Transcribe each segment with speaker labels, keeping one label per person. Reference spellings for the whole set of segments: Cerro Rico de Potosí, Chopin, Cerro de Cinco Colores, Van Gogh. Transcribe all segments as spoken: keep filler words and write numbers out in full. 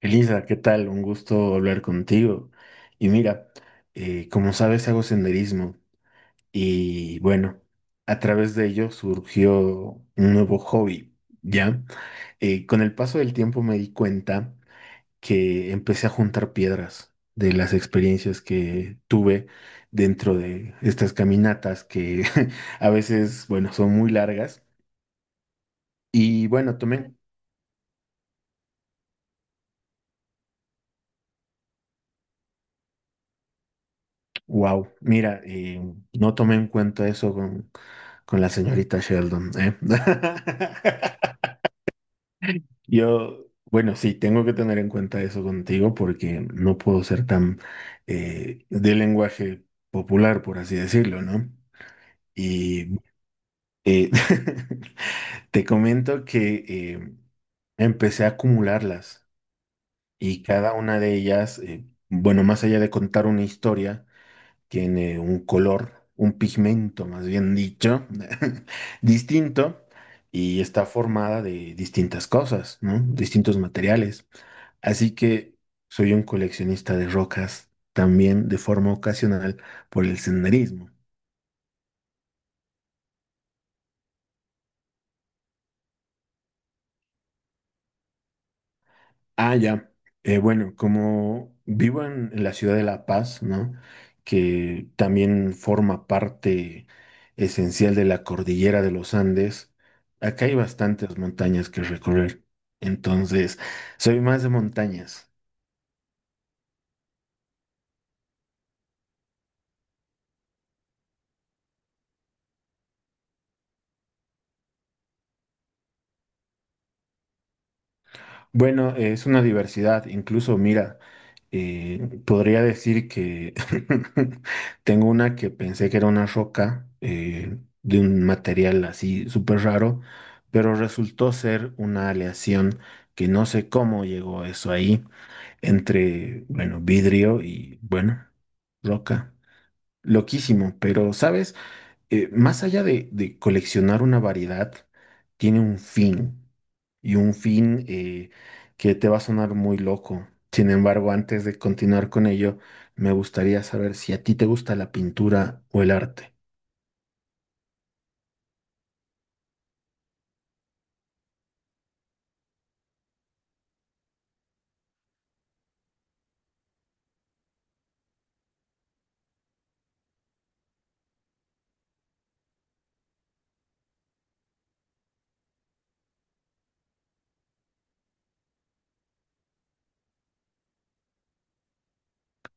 Speaker 1: Elisa, ¿qué tal? Un gusto hablar contigo. Y mira, eh, como sabes, hago senderismo y bueno, a través de ello surgió un nuevo hobby, ¿ya? Eh, con el paso del tiempo me di cuenta que empecé a juntar piedras de las experiencias que tuve dentro de estas caminatas que a veces, bueno, son muy largas. Y bueno, tomé en Wow, mira, y no tomé en cuenta eso con, con la señorita Sheldon, ¿eh? Yo, bueno, sí, tengo que tener en cuenta eso contigo porque no puedo ser tan eh, de lenguaje popular, por así decirlo, ¿no? Y eh, te comento que eh, empecé a acumularlas y cada una de ellas, eh, bueno, más allá de contar una historia, tiene un color, un pigmento más bien dicho, distinto y está formada de distintas cosas, ¿no? Distintos materiales. Así que soy un coleccionista de rocas también de forma ocasional por el senderismo. Ah, ya. Eh, bueno, como vivo en, en la ciudad de La Paz, ¿no? Que también forma parte esencial de la cordillera de los Andes, acá hay bastantes montañas que recorrer. Entonces, soy más de montañas. Bueno, es una diversidad. Incluso, mira, eh, podría decir que tengo una que pensé que era una roca eh, de un material así súper raro, pero resultó ser una aleación que no sé cómo llegó eso ahí entre, bueno, vidrio y, bueno, roca. Loquísimo, pero ¿sabes? eh, más allá de, de coleccionar una variedad, tiene un fin. Y un fin eh, que te va a sonar muy loco. Sin embargo, antes de continuar con ello, me gustaría saber si a ti te gusta la pintura o el arte.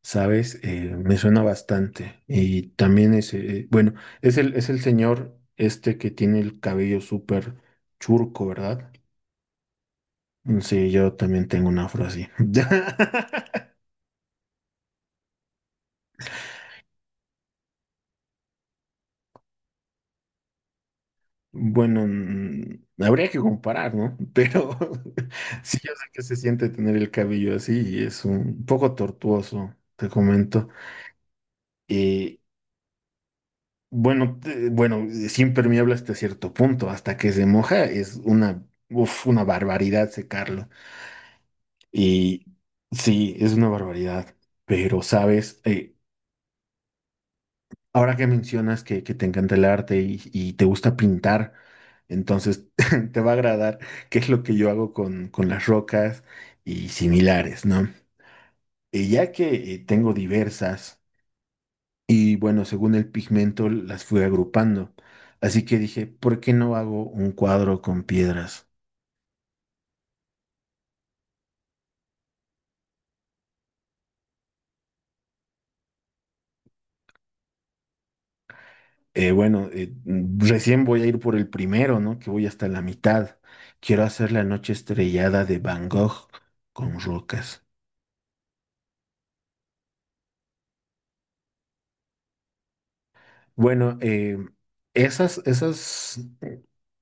Speaker 1: ¿Sabes? Eh, me suena bastante. Y también es, eh, bueno, es el, es el señor este que tiene el cabello súper churco, ¿verdad? Mm, sí, yo también tengo un afro así. Bueno, mm, habría que comparar, ¿no? Pero sí, yo sé que se siente tener el cabello así y es un poco tortuoso, te comento. Eh, bueno, te- bueno, es impermeable hasta cierto punto, hasta que se moja es una, uf, una barbaridad secarlo. Y sí, es una barbaridad, pero sabes, Eh, ahora que mencionas que, que te encanta el arte y, y te gusta pintar, entonces te va a agradar qué es lo que yo hago con, con las rocas y similares, ¿no? Y ya que eh, tengo diversas y bueno, según el pigmento las fui agrupando. Así que dije, ¿por qué no hago un cuadro con piedras? Eh, bueno, eh, mm, recién voy a ir por el primero, ¿no? Que voy hasta la mitad. Quiero hacer la noche estrellada de Van Gogh con rocas. Bueno, eh, esas, esas,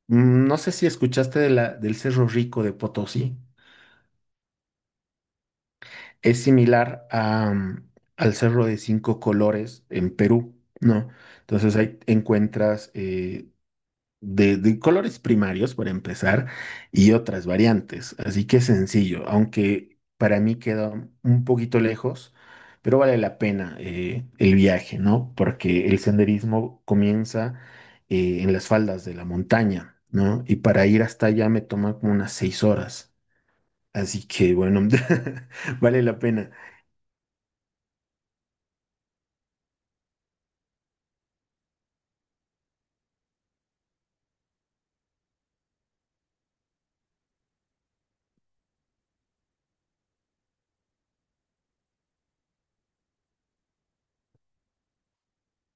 Speaker 1: mm, no sé si escuchaste de la, del Cerro Rico de Potosí. Es similar a, mm, al Cerro de Cinco Colores en Perú, ¿no? Entonces ahí encuentras eh, de, de colores primarios, para empezar, y otras variantes. Así que es sencillo, aunque para mí queda un poquito lejos, pero vale la pena eh, el viaje, ¿no? Porque el senderismo comienza eh, en las faldas de la montaña, ¿no? Y para ir hasta allá me toma como unas seis horas. Así que bueno, vale la pena.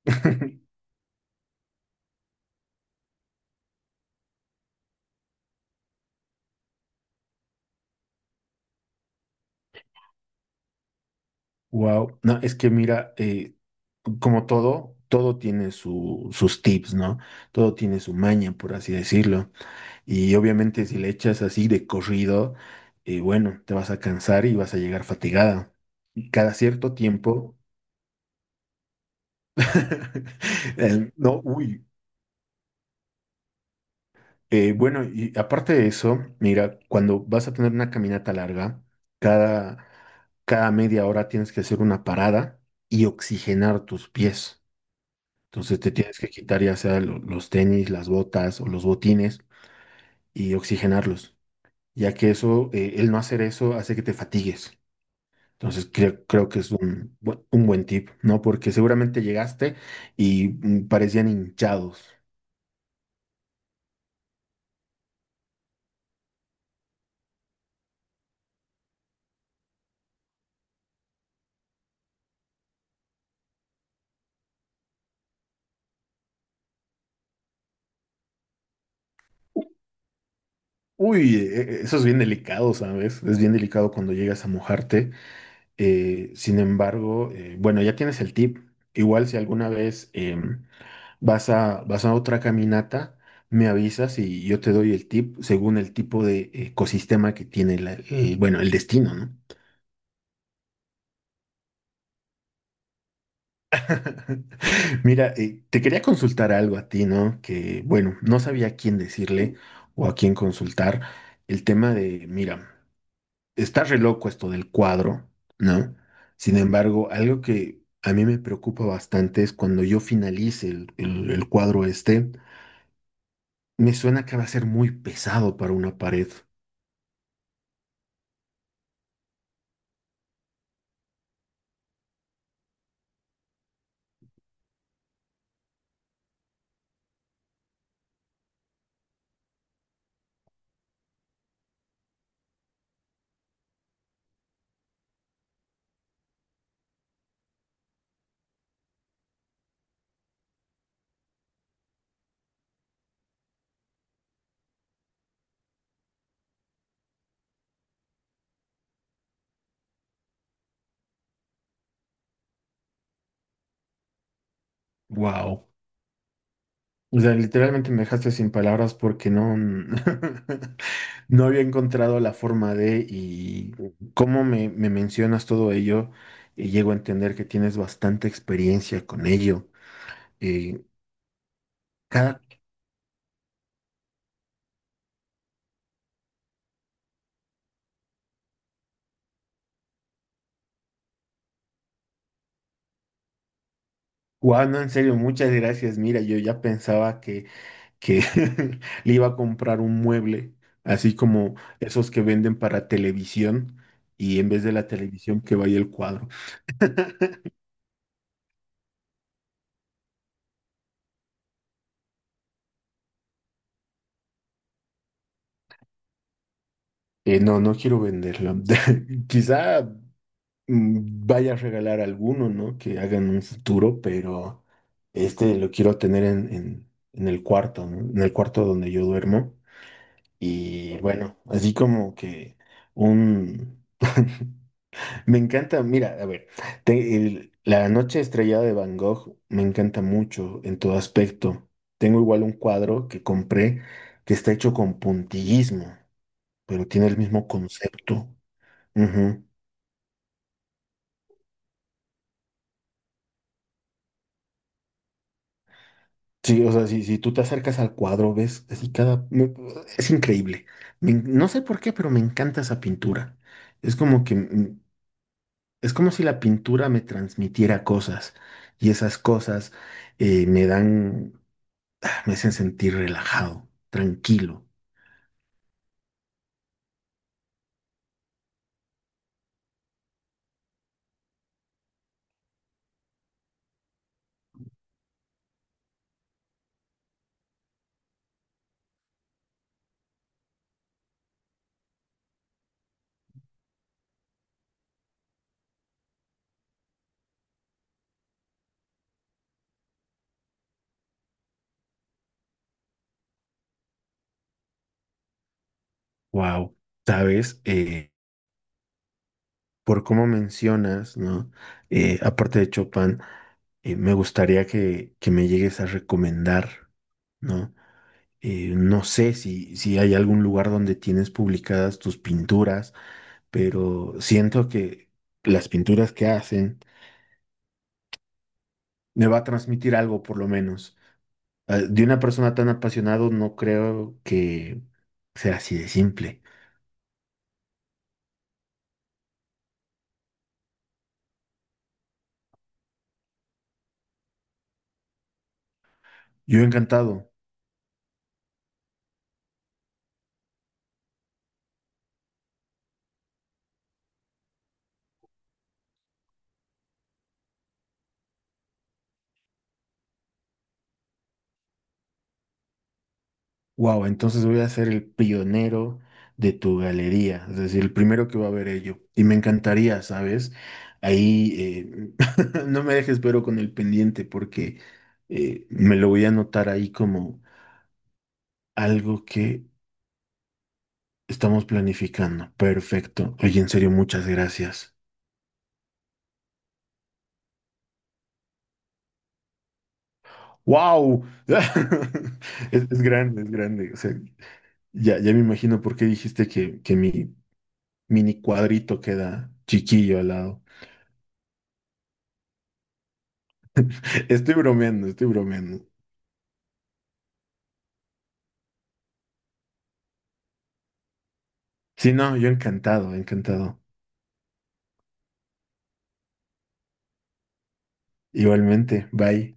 Speaker 1: Wow, no, es que mira, eh, como todo, todo tiene su- sus tips, ¿no? Todo tiene su maña, por así decirlo. Y obviamente si le echas así de corrido, eh, bueno, te vas a cansar y vas a llegar fatigada. Y cada cierto tiempo, eh, no, uy, eh, bueno, y aparte de eso, mira, cuando vas a tener una caminata larga, cada, cada media hora tienes que hacer una parada y oxigenar tus pies. Entonces te tienes que quitar ya sea lo- los tenis, las botas o los botines y oxigenarlos, ya que eso, eh, el no hacer eso hace que te fatigues. Entonces creo, creo que es un, bu- un buen tip, ¿no? Porque seguramente llegaste y mm, parecían hinchados. Uy, e- e- eso es bien delicado, ¿sabes? Es bien delicado cuando llegas a mojarte. Eh, sin embargo, eh, bueno, ya tienes el tip. Igual si alguna vez em, Vas a, vas a otra caminata, me avisas y yo te doy el tip según el tipo de ecosistema que tiene la- el, bueno, el destino, ¿no? Mira, eh, te quería consultar algo a ti, ¿no? Que, bueno, no sabía a quién decirle o a quién consultar. El tema de, mira, está re loco esto del cuadro, ¿no? Sin embargo, algo que a mí me preocupa bastante es cuando yo finalice el, el el cuadro este, me suena que va a ser muy pesado para una pared. Wow. O sea, literalmente me dejaste sin palabras porque no, no había encontrado la forma de y cómo me, me mencionas todo ello y llego a entender que tienes bastante experiencia con ello. Eh, cada, wow, no, en serio, muchas gracias. Mira, yo ya pensaba que, que le iba a comprar un mueble, así como esos que venden para televisión y en vez de la televisión que vaya el cuadro. Eh, no, no quiero venderlo. Quizá mm, vaya a regalar alguno, ¿no? Que hagan un futuro, pero este lo quiero tener en, en, en el cuarto, ¿no? En el cuarto donde yo duermo. Y bueno, así como que un... Me encanta, mira, a ver, te- el- la noche estrellada de Van Gogh me encanta mucho en todo aspecto. Tengo igual un cuadro que compré que está hecho con puntillismo, pero tiene el mismo concepto. Sí, o sea, si, si tú te acercas al cuadro, ves, así cada... me- es increíble. Me en- no sé por qué, pero me encanta esa pintura. Es como que... mm, es como si la pintura me transmitiera cosas y esas cosas eh, me dan... ah, me hacen sentir relajado, tranquilo. Wow. ¿Sabes? Eh, por cómo mencionas, ¿no? Eh, aparte de Chopin, eh, me gustaría que, que me llegues a recomendar, ¿no? Eh, no sé si, si hay algún lugar donde tienes publicadas tus pinturas, pero siento que las pinturas que hacen me va a transmitir algo, por lo menos. Ah, de una persona tan apasionado, no creo que sea así de simple. Yo encantado. Wow, entonces voy a ser el pionero de tu galería, es decir, el primero que va a ver ello. Y me encantaría, ¿sabes? Ahí eh, no me dejes pero con el pendiente porque eh, me lo voy a anotar ahí como algo que estamos planificando. Perfecto. Oye, en serio, muchas gracias. ¡Wow! Es, es grande, es grande. O sea, ya, ya me imagino por qué dijiste que, que mi mini cuadrito queda chiquillo al lado. Estoy bromeando, estoy bromeando. Sí, no, yo encantado, encantado. Igualmente, bye.